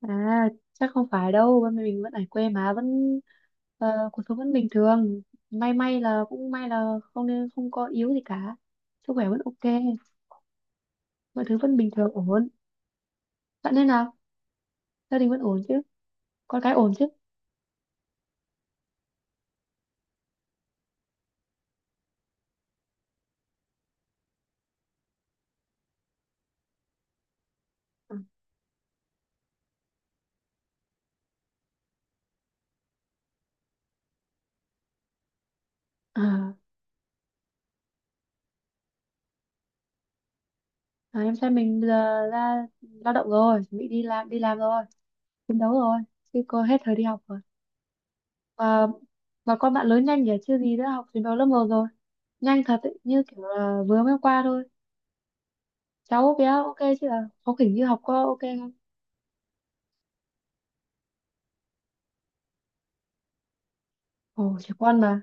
À, chắc không phải đâu, bên mình vẫn ở quê mà vẫn cuộc sống vẫn bình thường. May may là cũng may là không, nên không có yếu gì cả. Sức khỏe vẫn ok, mọi thứ vẫn bình thường ổn. Bạn thế nào? Gia đình vẫn ổn chứ? Con cái ổn chứ? Ừ. À, em trai mình bây giờ ra lao động rồi, chuẩn bị đi làm rồi, chiến đấu rồi, chứ cô hết thời đi học rồi. Và và con bạn lớn nhanh nhỉ, chưa gì đã học chiến đấu lớp 1 rồi. Nhanh thật ấy, như kiểu là vừa mới hôm qua thôi. Cháu bé ok chứ, là có kiểu như học có ok không? Ồ, trẻ con mà.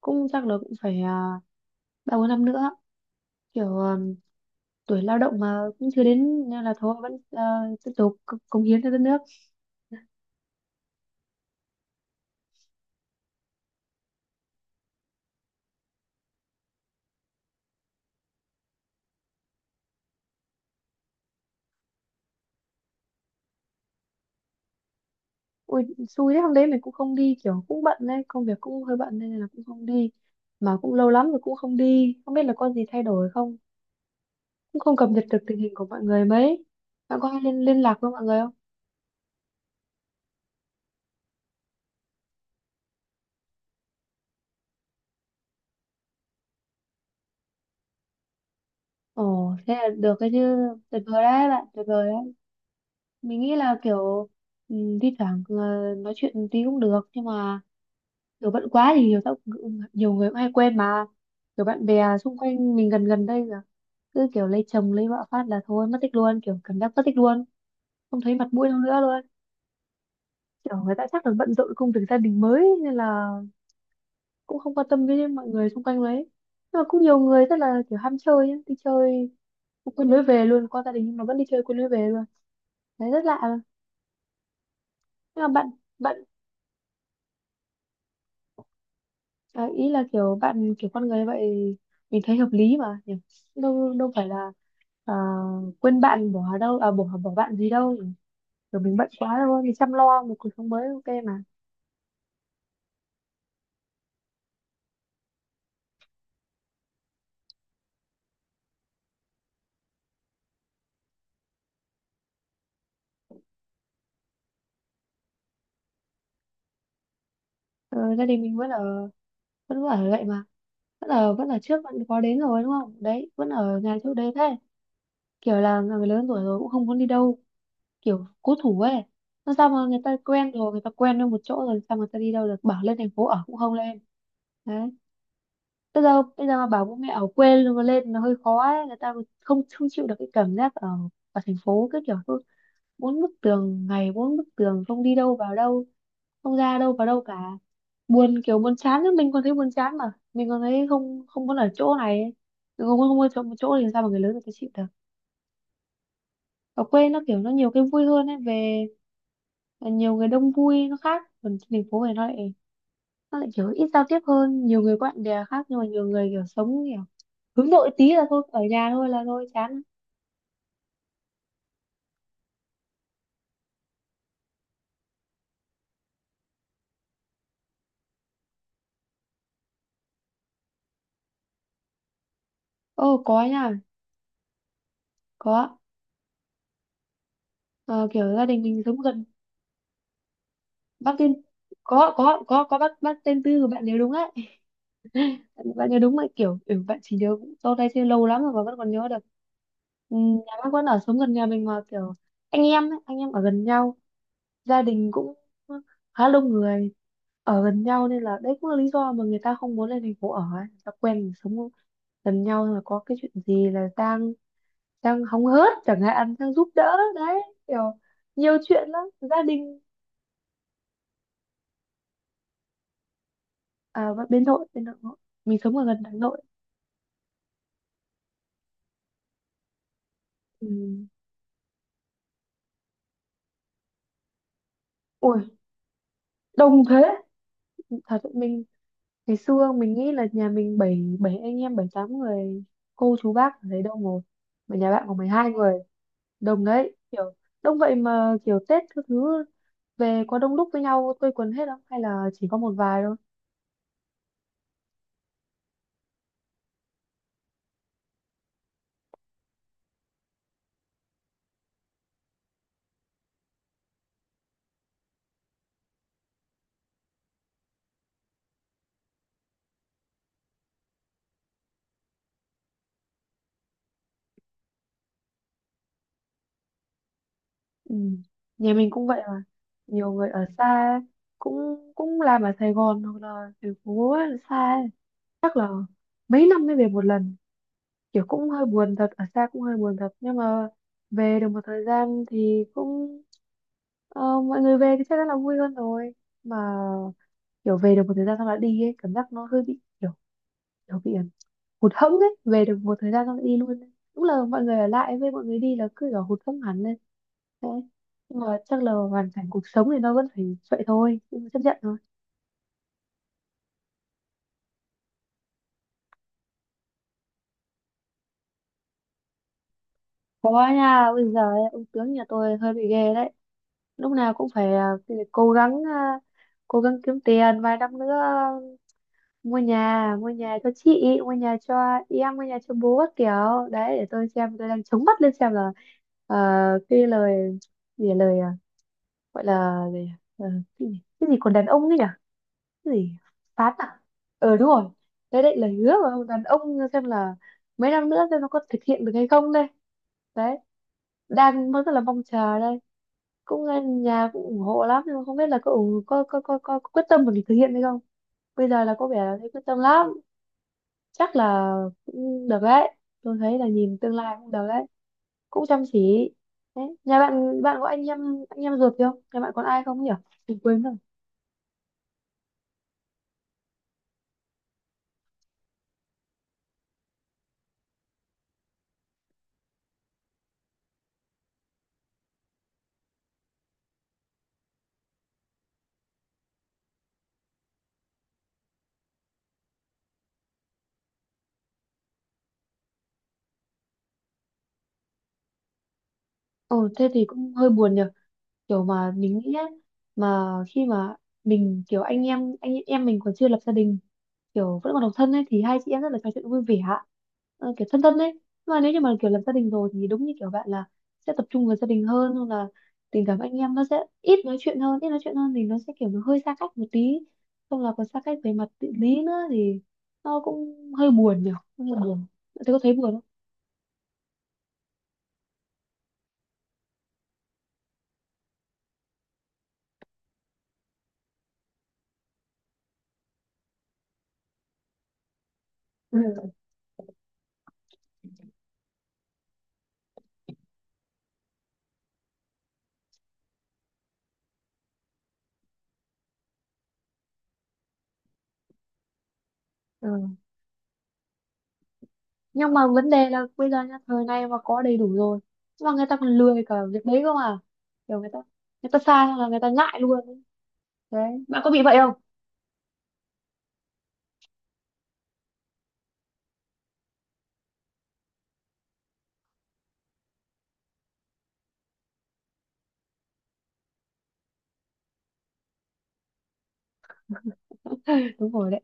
Cũng chắc là cũng phải 3 4 năm nữa, kiểu tuổi lao động mà cũng chưa đến nên là thôi vẫn tiếp tục cống hiến cho đất nước. Ui, xui đấy, hôm đấy mình cũng không đi, kiểu cũng bận đấy, công việc cũng hơi bận nên là cũng không đi, mà cũng lâu lắm rồi cũng không đi, không biết là có gì thay đổi không, cũng không cập nhật được tình hình của mọi người mấy. Bạn có hay liên liên lạc với mọi người không? Ồ thế là được cái chứ, tuyệt vời đấy bạn, tuyệt vời đấy. Mình nghĩ là kiểu ừ, thi thoảng nói chuyện tí cũng được, nhưng mà kiểu bận quá thì nhiều người cũng hay quên mà. Kiểu bạn bè xung quanh mình gần gần đây là cứ kiểu lấy chồng lấy vợ phát là thôi mất tích luôn, kiểu cảm giác mất tích luôn, không thấy mặt mũi đâu nữa luôn. Kiểu người ta chắc là bận rộn công việc gia đình mới nên là cũng không quan tâm với mọi người xung quanh đấy. Nhưng mà cũng nhiều người rất là kiểu ham chơi ấy, đi chơi quên lối về luôn, qua gia đình nhưng mà vẫn đi chơi quên lối về luôn, đấy rất lạ. Nhưng mà bạn bạn À, ý là kiểu bạn, kiểu con người vậy mình thấy hợp lý mà nhỉ? Đâu đâu phải là à, quên bạn, bỏ đâu à, bỏ bỏ bạn gì đâu, kiểu mình bận quá đâu, mình chăm lo một cuộc sống mới ok mà. Ờ, gia đình mình vẫn ở, vẫn ở vậy mà, vẫn ở trước bạn có đến rồi đúng không, đấy vẫn ở nhà trước đấy thế. Kiểu là người lớn tuổi rồi cũng không muốn đi đâu, kiểu cố thủ ấy, nó sao mà người ta quen rồi, người ta quen ở một chỗ rồi sao mà người ta đi đâu được, bảo lên thành phố ở cũng không lên đấy. Bây giờ mà bảo bố mẹ ở quê luôn lên nó hơi khó ấy, người ta không không chịu được cái cảm giác ở, ở thành phố cứ kiểu cứ bốn bức tường, ngày bốn bức tường không đi đâu vào đâu, không ra đâu vào đâu cả, buồn, kiểu buồn chán ấy. Mình còn thấy buồn chán mà, mình còn thấy không không muốn ở chỗ này ấy. Mình không muốn ở chỗ, một chỗ thì sao mà người lớn người ta chịu được. Ở quê nó kiểu nó nhiều cái vui hơn ấy, về nhiều người đông vui nó khác, còn trên thành phố này nó lại, nó lại kiểu ít giao tiếp hơn, nhiều người bạn bè khác nhưng mà nhiều người kiểu sống kiểu hướng nội tí là thôi ở nhà thôi, là thôi chán. Ô có nha. Có. Ờ, kiểu gia đình mình sống gần, bác tên có, bác tên Tư, của bạn nhớ đúng đấy, bạn bạn nhớ đúng mà kiểu bạn chỉ nhớ sau đây chưa lâu lắm rồi mà vẫn còn nhớ được. Ừ, nhà bác vẫn ở, sống gần nhà mình mà kiểu anh em ấy, anh em ở gần nhau, gia đình cũng khá đông người ở gần nhau, nên là đấy cũng là lý do mà người ta không muốn lên thành phố ở ấy, người ta quen sống gần nhau rồi, có cái chuyện gì là Giang, Giang hóng hớt chẳng hạn, Giang giúp đỡ đấy, kiểu nhiều chuyện lắm gia đình. Và bên nội nội. Mình sống ở gần Hà Nội. Ừ. Ui, đông thế, thật sự mình, ngày xưa mình nghĩ là nhà mình bảy bảy anh em, bảy tám người cô chú bác ở đấy đông rồi, mà nhà bạn có 12 người, đông đấy kiểu, đông vậy mà kiểu Tết các thứ về có đông đúc với nhau quây quần hết không, hay là chỉ có một vài thôi. Ừ. Nhà mình cũng vậy mà, nhiều người ở xa ấy, cũng cũng làm ở Sài Gòn hoặc là thành phố ấy, xa ấy. Chắc là mấy năm mới về một lần, kiểu cũng hơi buồn thật, ở xa cũng hơi buồn thật, nhưng mà về được một thời gian thì cũng mọi người về thì chắc chắn là vui hơn rồi, mà kiểu về được một thời gian xong lại đi ấy, cảm giác nó hơi bị kiểu, kiểu bị hụt hẫng ấy, về được một thời gian xong lại đi luôn ấy. Đúng là mọi người ở lại với mọi người đi là cứ kiểu hụt hẫng hẳn lên thế, nhưng mà chắc là hoàn cảnh cuộc sống thì nó vẫn phải vậy thôi, nhưng mà chấp nhận thôi. Có nha, bây giờ ấy, ông tướng nhà tôi hơi bị ghê đấy, lúc nào cũng phải cố gắng à, cố gắng kiếm tiền vài năm nữa mua nhà, mua nhà cho chị, mua nhà cho em, mua nhà cho bố các kiểu, đấy để tôi xem, tôi đang chống mắt lên xem là ờ, cái lời gì là lời gọi là gì, ờ, cái gì còn đàn ông ấy nhỉ, cái gì phán à, ờ đúng rồi, đấy đấy lời hứa của đàn ông, xem là mấy năm nữa xem nó có thực hiện được hay không đây, đấy, đang rất là mong chờ đây. Cũng là nhà cũng ủng hộ lắm, nhưng mà không biết là có ủng có, quyết tâm mà mình thực hiện hay không. Bây giờ là có vẻ là thấy quyết tâm lắm, chắc là cũng được đấy, tôi thấy là nhìn tương lai cũng được đấy, cũng chăm chỉ đấy. Nhà bạn bạn có anh em ruột gì không, nhà bạn còn ai không nhỉ, mình quên rồi. Ồ thế thì cũng hơi buồn nhỉ, kiểu mà mình nghĩ á, mà khi mà mình kiểu anh em mình còn chưa lập gia đình, kiểu vẫn còn độc thân ấy, thì hai chị em rất là trò chuyện vui vẻ ạ. Kiểu thân thân ấy, nhưng mà nếu như mà kiểu lập gia đình rồi thì đúng như kiểu bạn là sẽ tập trung vào gia đình hơn, hoặc là tình cảm anh em nó sẽ ít nói chuyện hơn, ít nói chuyện hơn thì nó sẽ kiểu nó hơi xa cách một tí, không là còn xa cách về mặt địa lý nữa thì nó cũng hơi buồn nhỉ, hơi buồn. Bạn thấy, có thấy buồn không? Ừ. Ừ. Nhưng mà vấn đề là bây giờ nhá, thời nay mà có đầy đủ rồi nhưng mà người ta còn lười cả việc đấy cơ mà, kiểu người ta, người ta xa xong là người ta ngại luôn đấy, bạn có bị vậy không? Đúng rồi đấy,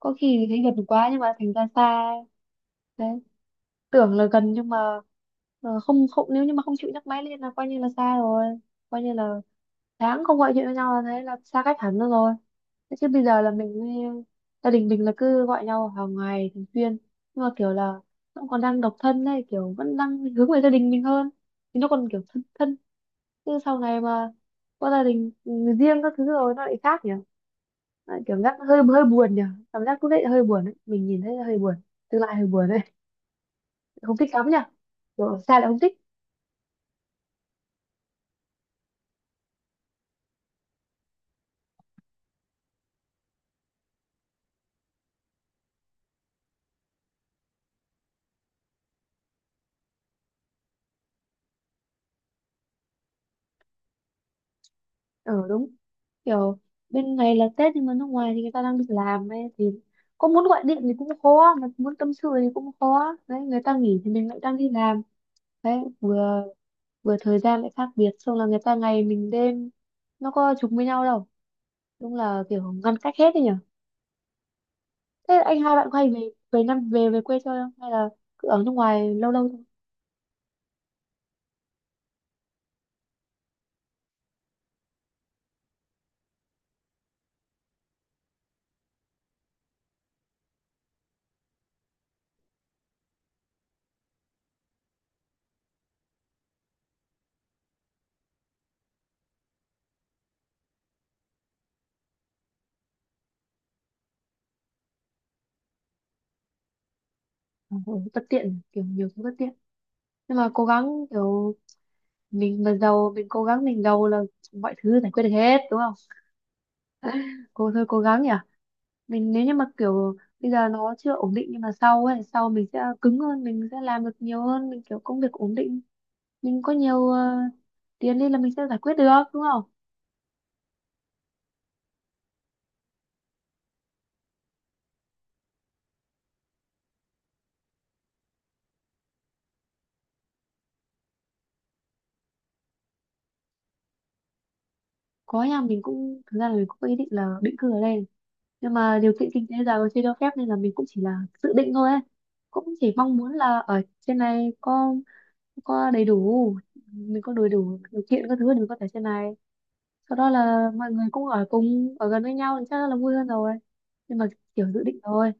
có khi thì thấy gần quá nhưng mà thành ra xa đấy, tưởng là gần nhưng mà không không nếu như mà không chịu nhấc máy lên là coi như là xa rồi, coi như là tháng không gọi điện với nhau là thấy là xa cách hẳn luôn rồi. Thế chứ bây giờ là gia đình mình là cứ gọi nhau hàng ngày thường xuyên, nhưng mà kiểu là nó còn đang độc thân đây, kiểu vẫn đang hướng về gia đình mình hơn thì nó còn kiểu thân thân, chứ sau này mà có gia đình riêng các thứ rồi nó lại khác nhỉ. Lại kiểu giác hơi hơi buồn nhỉ, cảm giác lúc đấy hơi buồn đấy, mình nhìn thấy hơi buồn, tương lai hơi buồn đấy, không thích lắm nhỉ, kiểu xa lại không thích. Ừ đúng, kiểu bên này là Tết nhưng mà nước ngoài thì người ta đang đi làm ấy, thì có muốn gọi điện thì cũng khó mà muốn tâm sự thì cũng khó đấy, người ta nghỉ thì mình lại đang đi làm đấy, vừa vừa thời gian lại khác biệt, xong là người ta ngày mình đêm, nó có trùng với nhau đâu, đúng là kiểu ngăn cách hết đấy nhở. Thế anh hai bạn có hay về, về năm về về quê chơi không, hay là cứ ở nước ngoài lâu lâu thôi. Ờ, ừ, bất tiện kiểu nhiều thứ bất tiện, nhưng mà cố gắng, kiểu mình mà giàu, mình cố gắng mình giàu là mọi thứ giải quyết được hết đúng không? Cô thôi cố gắng nhỉ, mình nếu như mà kiểu bây giờ nó chưa ổn định nhưng mà sau ấy, sau mình sẽ cứng hơn, mình sẽ làm được nhiều hơn, mình kiểu công việc ổn định, mình có nhiều tiền đi là mình sẽ giải quyết được đúng không? Có, nhà mình cũng thực ra là mình cũng có ý định là định cư ở đây, nhưng mà điều kiện kinh tế giờ chưa cho phép nên là mình cũng chỉ là dự định thôi ấy, cũng chỉ mong muốn là ở trên này có đầy đủ, mình có đầy đủ điều kiện các thứ để mình có thể trên này, sau đó là mọi người cũng ở cùng ở gần với nhau thì chắc là vui hơn rồi, nhưng mà kiểu dự định rồi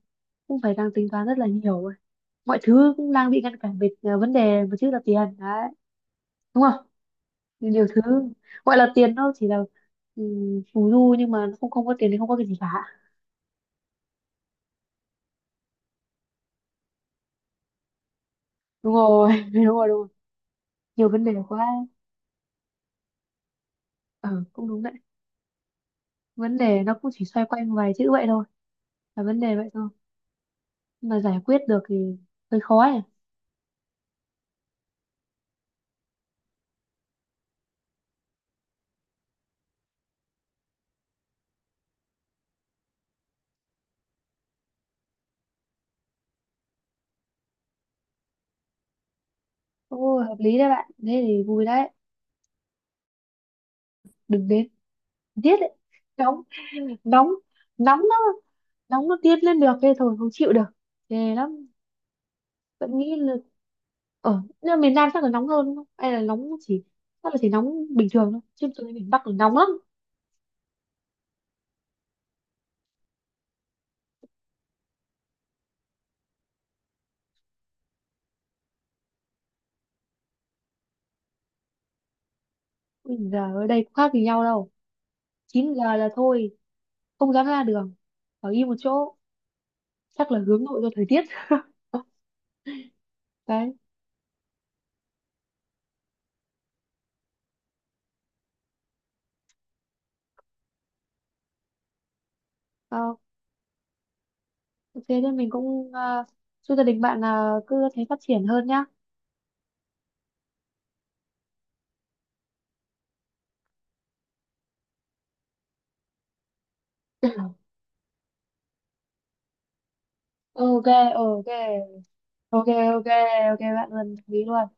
cũng phải đang tính toán rất là nhiều rồi. Mọi thứ cũng đang bị ngăn cản về vấn đề một chữ là tiền đấy, đúng không? Thì nhiều thứ gọi là tiền nó chỉ là phù du, nhưng mà nó không không có tiền thì không có cái gì cả. Đúng rồi, đúng rồi đúng rồi, nhiều vấn đề quá. Ờ cũng đúng đấy, vấn đề nó cũng chỉ xoay quanh vài chữ vậy thôi, là vấn đề vậy thôi, nhưng mà giải quyết được thì hơi khó ấy. Ồ, hợp lý đấy bạn, thế thì vui đấy. Đừng đến điếc ấy, nóng, nóng, nóng nó, nóng nó điên lên được thế thôi, không chịu được, ghê lắm. Vẫn nghĩ là ở, nhưng mà miền Nam chắc là nóng hơn đúng không? Hay là nóng chỉ, chắc là chỉ nóng bình thường thôi, chứ tôi thấy miền Bắc là nóng lắm. Ui giờ ở đây cũng khác gì nhau đâu, 9 giờ là thôi không dám ra đường, ở im một chỗ, chắc là hướng nội do thời tiết. Đấy, ờ, ok, thế nên mình cũng chúc gia đình bạn là cứ thế phát triển hơn nhá. Ok, ok, ok, ok, ok bạn, luôn quý luôn.